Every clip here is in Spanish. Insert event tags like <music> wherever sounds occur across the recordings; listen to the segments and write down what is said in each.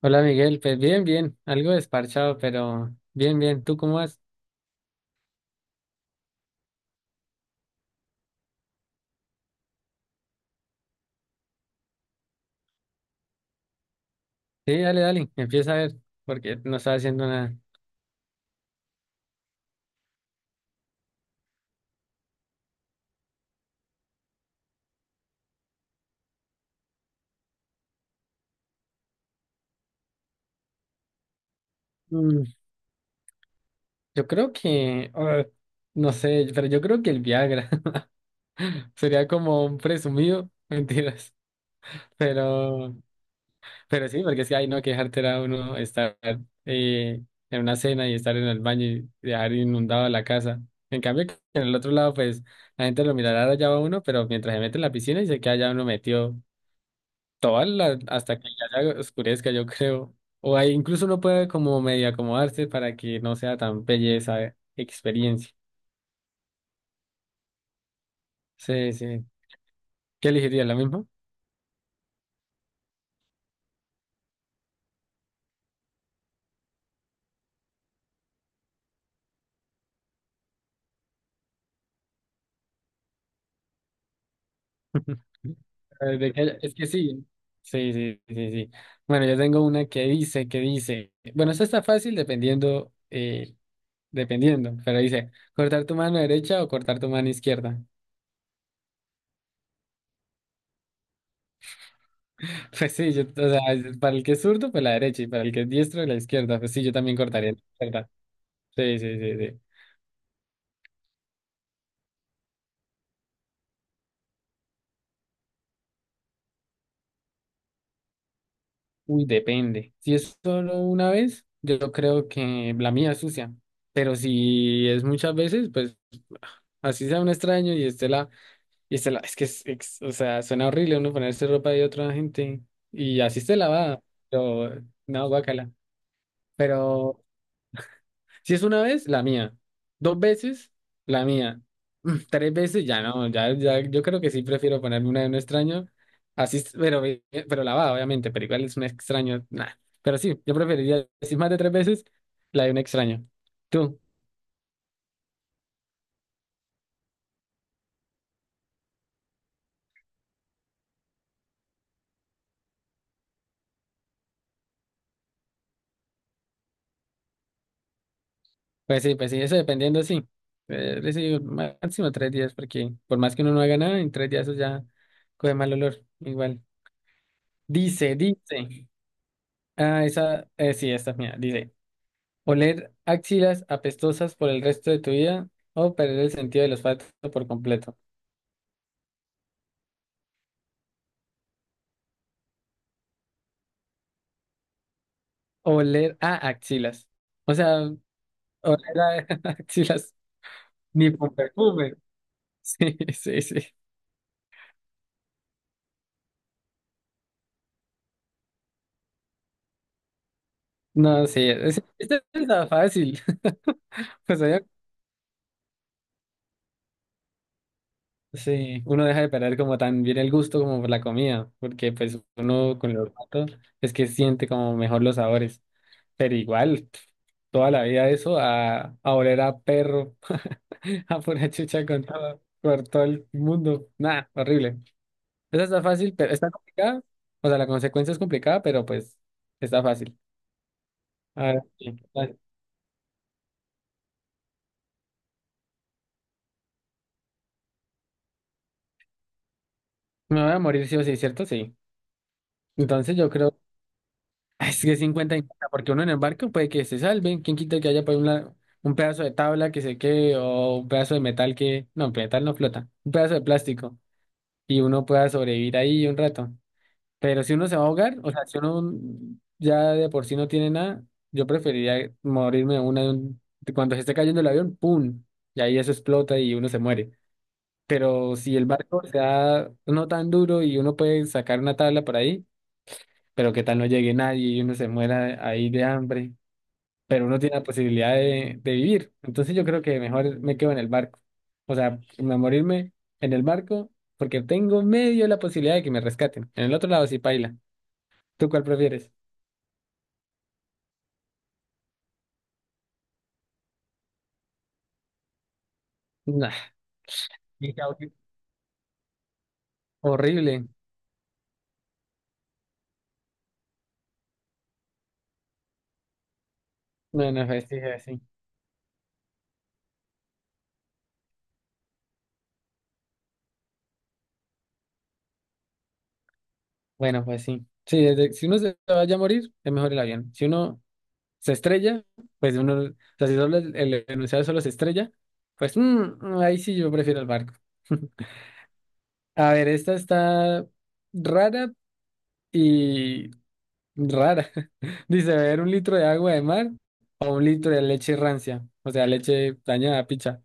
Hola Miguel, pues bien, bien, algo desparchado, pero bien, bien, ¿tú cómo vas? Sí, dale, dale, empieza a ver, porque no estaba haciendo nada. Mm, yo creo que, no sé, pero yo creo que el Viagra <laughs> sería como un presumido, <laughs> mentiras, pero, pero sí, porque es que hay no que dejar a uno estar eh, en una cena y estar en el baño y dejar inundado la casa. En cambio, que en el otro lado, pues la gente lo mirará allá va uno, pero mientras se mete en la piscina y se queda allá uno metido toda la, hasta que ya se oscurezca, yo creo. O ahí incluso uno puede como medio acomodarse para que no sea tan bella esa experiencia. Sí, sí. ¿Qué elegiría? ¿La misma? <laughs> Es que sí. Sí, sí, sí, sí. Bueno, yo tengo una que dice, que dice. Bueno, eso está fácil dependiendo, dependiendo, pero dice, ¿cortar tu mano derecha o cortar tu mano izquierda? <laughs> Pues sí, yo, o sea, para el que es zurdo, pues la derecha, y para el que es diestro, la izquierda. Pues sí, yo también cortaría la izquierda. Sí, sí, sí, sí. Uy, depende. Si es solo una vez, yo creo que la mía es sucia. Pero si es muchas veces, pues así sea un extraño y esté la, es que es, ex- o sea, suena horrible uno ponerse ropa de otra gente y así esté lavada. Pero no, guácala. Pero si es una vez, la mía. Dos veces, la mía. Mm, tres veces, ya no, ya, ya, yo creo que sí prefiero ponerme una de un extraño. Así, es- pero, eh, pero lavada, obviamente, pero igual es un extraño, nah. Pero sí, yo preferiría, si más de tres veces, la de un extraño. Tú, pues sí, eso dependiendo, sí. Les digo, máximo tres días, porque por más que uno no haga nada, en tres días eso ya coge mal olor, igual. Dice, dice. Esa, sí, esta es mía, dice. Oler axilas apestosas por el resto de tu vida o perder el sentido del olfato por completo. Oler a axilas. O sea, oler a <laughs> axilas ni por perfume. <laughs> Sí, sí, sí. No, sí, es, esta está fácil. <laughs> Pues obvio, sí, uno deja de perder como también el gusto como por la comida, porque pues uno con el olfato es que siente como mejor los sabores. Pero igual, pf, toda la vida eso, a oler a perro, <laughs> a pura chucha con todo, por todo el mundo. Nada, horrible. Esa está fácil, pero está complicada. O sea, la consecuencia es complicada, pero pues está fácil. A ver, sí, dale. Me voy a morir sí o sí, ¿cierto? Sí. Entonces yo creo, <laughs> ay, es que 50 y 50, porque uno en el barco puede que se salve. ¿Quién quita que haya por un, la- un pedazo de tabla que se quede o un pedazo de metal que... No, metal no flota. Un pedazo de plástico. Y uno pueda sobrevivir ahí un rato. Pero si uno se va a ahogar, o sea, si uno ya de por sí no tiene nada, yo preferiría morirme de una de un- de cuando se esté cayendo el avión, ¡pum! Y ahí eso explota y uno se muere. Pero si el barco se da no tan duro y uno puede sacar una tabla por ahí, pero qué tal no llegue nadie y uno se muera ahí de hambre, pero uno tiene la posibilidad de vivir. Entonces yo creo que mejor me quedo en el barco. Morirme en el barco porque tengo medio la posibilidad de que me rescaten. En el otro lado sí paila. ¿Tú cuál prefieres? Nah, qué caótico. Horrible. Bueno, pues sí, pues sí. Bueno, pues sí. Si uno se vaya a morir, es mejor el avión. Si uno se estrella, pues uno, o sea, si solo el enunciado solo se estrella, pues ahí sí yo prefiero el barco. <laughs> A ver, esta está rara y rara. <laughs> Dice, beber un litro de agua de mar o un litro de leche rancia, o sea, leche dañada, picha.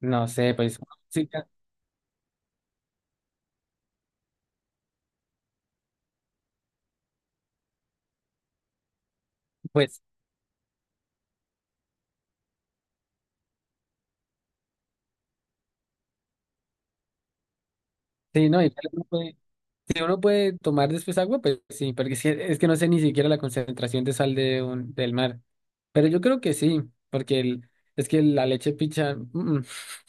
No sé, sí, pues sí, no, y si uno puede tomar después agua, pues sí, porque es que no sé ni siquiera la concentración de sal del mar. Pero yo creo que sí, porque el, es que la leche picha,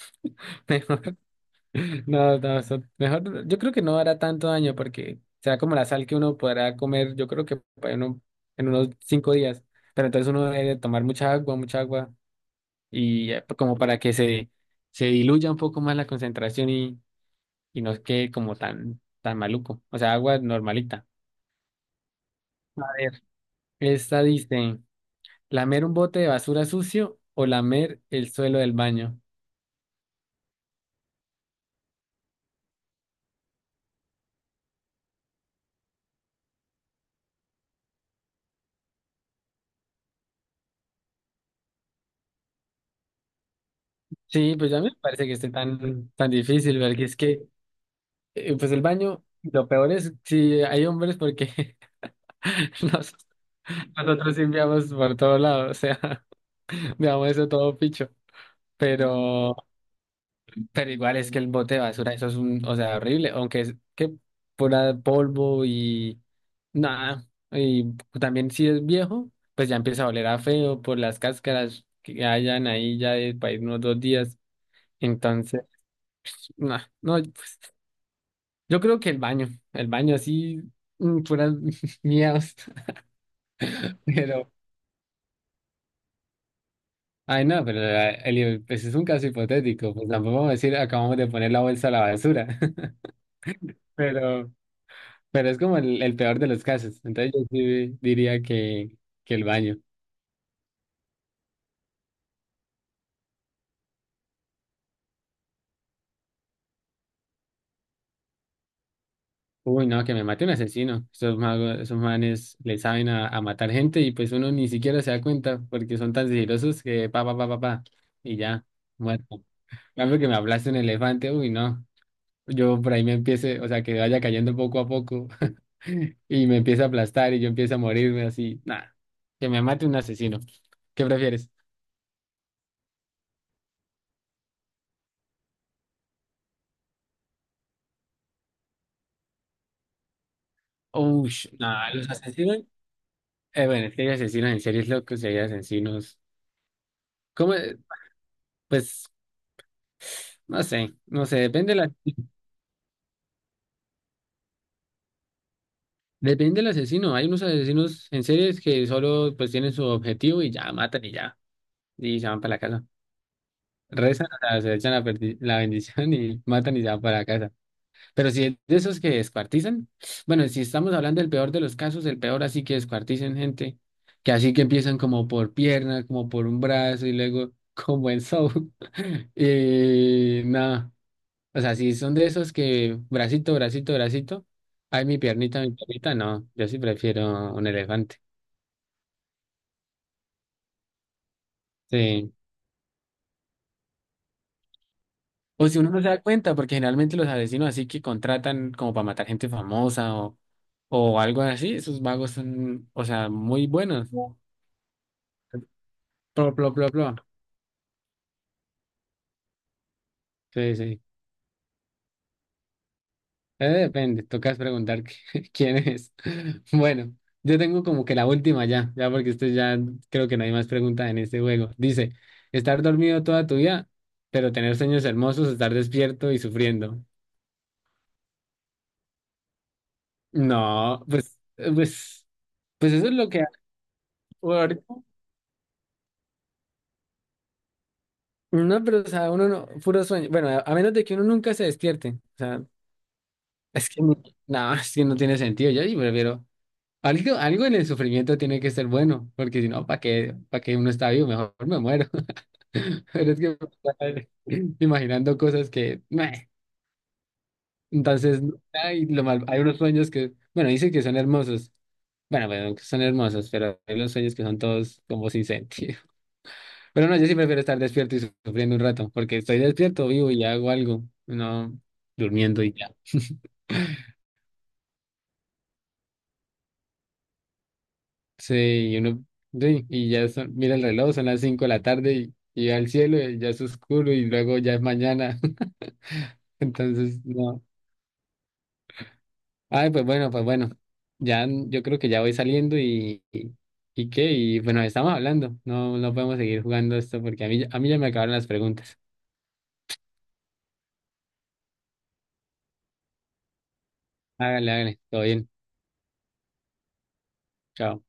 <laughs> mejor, no, no, eso- mejor, yo creo que no hará tanto daño porque será como la sal que uno podrá comer, yo creo que para uno- en unos cinco días. Pero entonces uno debe tomar mucha agua, y como para que se diluya un poco más la concentración y no quede como tan, tan maluco. O sea, agua normalita. A ver, esta dice, ¿lamer un bote de basura sucio o lamer el suelo del baño? Sí, pues ya me parece que esté tan, tan difícil, porque es que, pues el baño, lo peor es si hay hombres, porque <laughs> nos- nosotros limpiamos por todos lados, o sea, <laughs> veamos eso todo picho, pero... Pero igual es que el bote de basura, eso es un, o sea, horrible, aunque es que pura polvo y nada, y también si es viejo, pues ya empieza a oler a feo por las cáscaras que hayan ahí ya de para ir unos dos días. Entonces, nah, no, pues, yo creo que el baño así, mm, puras <laughs> miedos, <laughs> pero, ay no, pero Eli, pues es un caso hipotético, pues tampoco vamos a decir acabamos de poner la bolsa a la basura, <laughs> pero Pero es como el peor de los casos. Entonces yo sí diría que el baño. Uy, no, que me mate un asesino. Esos magos, esos manes le saben a matar gente y pues uno ni siquiera se da cuenta porque son tan sigilosos que pa, pa, pa, pa, pa. Y ya, muerto. En cambio que me hablaste un elefante, uy, no. Yo por ahí me empiece, o sea, que vaya cayendo poco a poco <laughs> y me empieza a aplastar y yo empiezo a morirme así. Nada, que me mate un asesino. ¿Qué prefieres? Uy, nada, los asesinos. Bueno, es que hay asesinos en series locos y hay asesinos. ¿Cómo? Pues no sé, no sé, depende la, depende del asesino. Hay unos asesinos en series que solo pues tienen su objetivo y ya matan y ya. Y se van para la casa. Rezan, o sea, se echan la bendición y matan y se van para la casa. Pero si es de esos que descuartizan, bueno, si estamos hablando del peor de los casos, el peor así que descuartizan gente, que así que empiezan como por pierna, como por un brazo y luego <laughs> como en Saw. <laughs> Y nada. O sea, si son de esos que bracito, bracito, bracito, ay, mi piernita, no, yo sí prefiero un elefante. Sí. O si uno no se da cuenta, porque generalmente los asesinos así que contratan como para matar gente famosa o algo así, esos vagos son, o sea, muy buenos. Plo, plo, plo, plo. Sí, sí. Depende, tocas preguntar <laughs> quién es. Bueno, yo tengo como que la última ya, ya porque esto ya creo que no hay más preguntas en este juego. Dice, estar dormido toda tu vida, pero tener sueños hermosos, estar despierto y sufriendo. No, pues, pues, pues eso es lo que ahorita- no, pero o sea, uno no, puro sueño. Bueno, a menos de que uno nunca se despierte. O sea, es que no, no, es que no tiene sentido. Yo sí prefiero. Algo, algo en el sufrimiento tiene que ser bueno, porque si no, para qué uno está vivo? Mejor me muero. <laughs> Pero es que <laughs> me está imaginando cosas que, meh. Entonces, hay, lo mal, hay unos sueños que, bueno, dicen que son hermosos. Bueno, bueno, que son hermosos, pero hay unos sueños que son todos como sin sentido. <laughs> Pero no, yo sí prefiero estar despierto y sufriendo un rato, porque estoy despierto, vivo y hago algo, no durmiendo y ya. <laughs> Sí, y uno, sí, y ya son, mira el reloj, son las 5 de la tarde y al cielo y ya es oscuro y luego ya es mañana. <laughs> Entonces, no. Ay, pues bueno, pues bueno. Yo creo que ya voy saliendo y qué, y bueno, estamos hablando. No, no podemos seguir jugando esto porque a mí ya me acabaron las preguntas. Hágale, hágale, todo bien. Chao.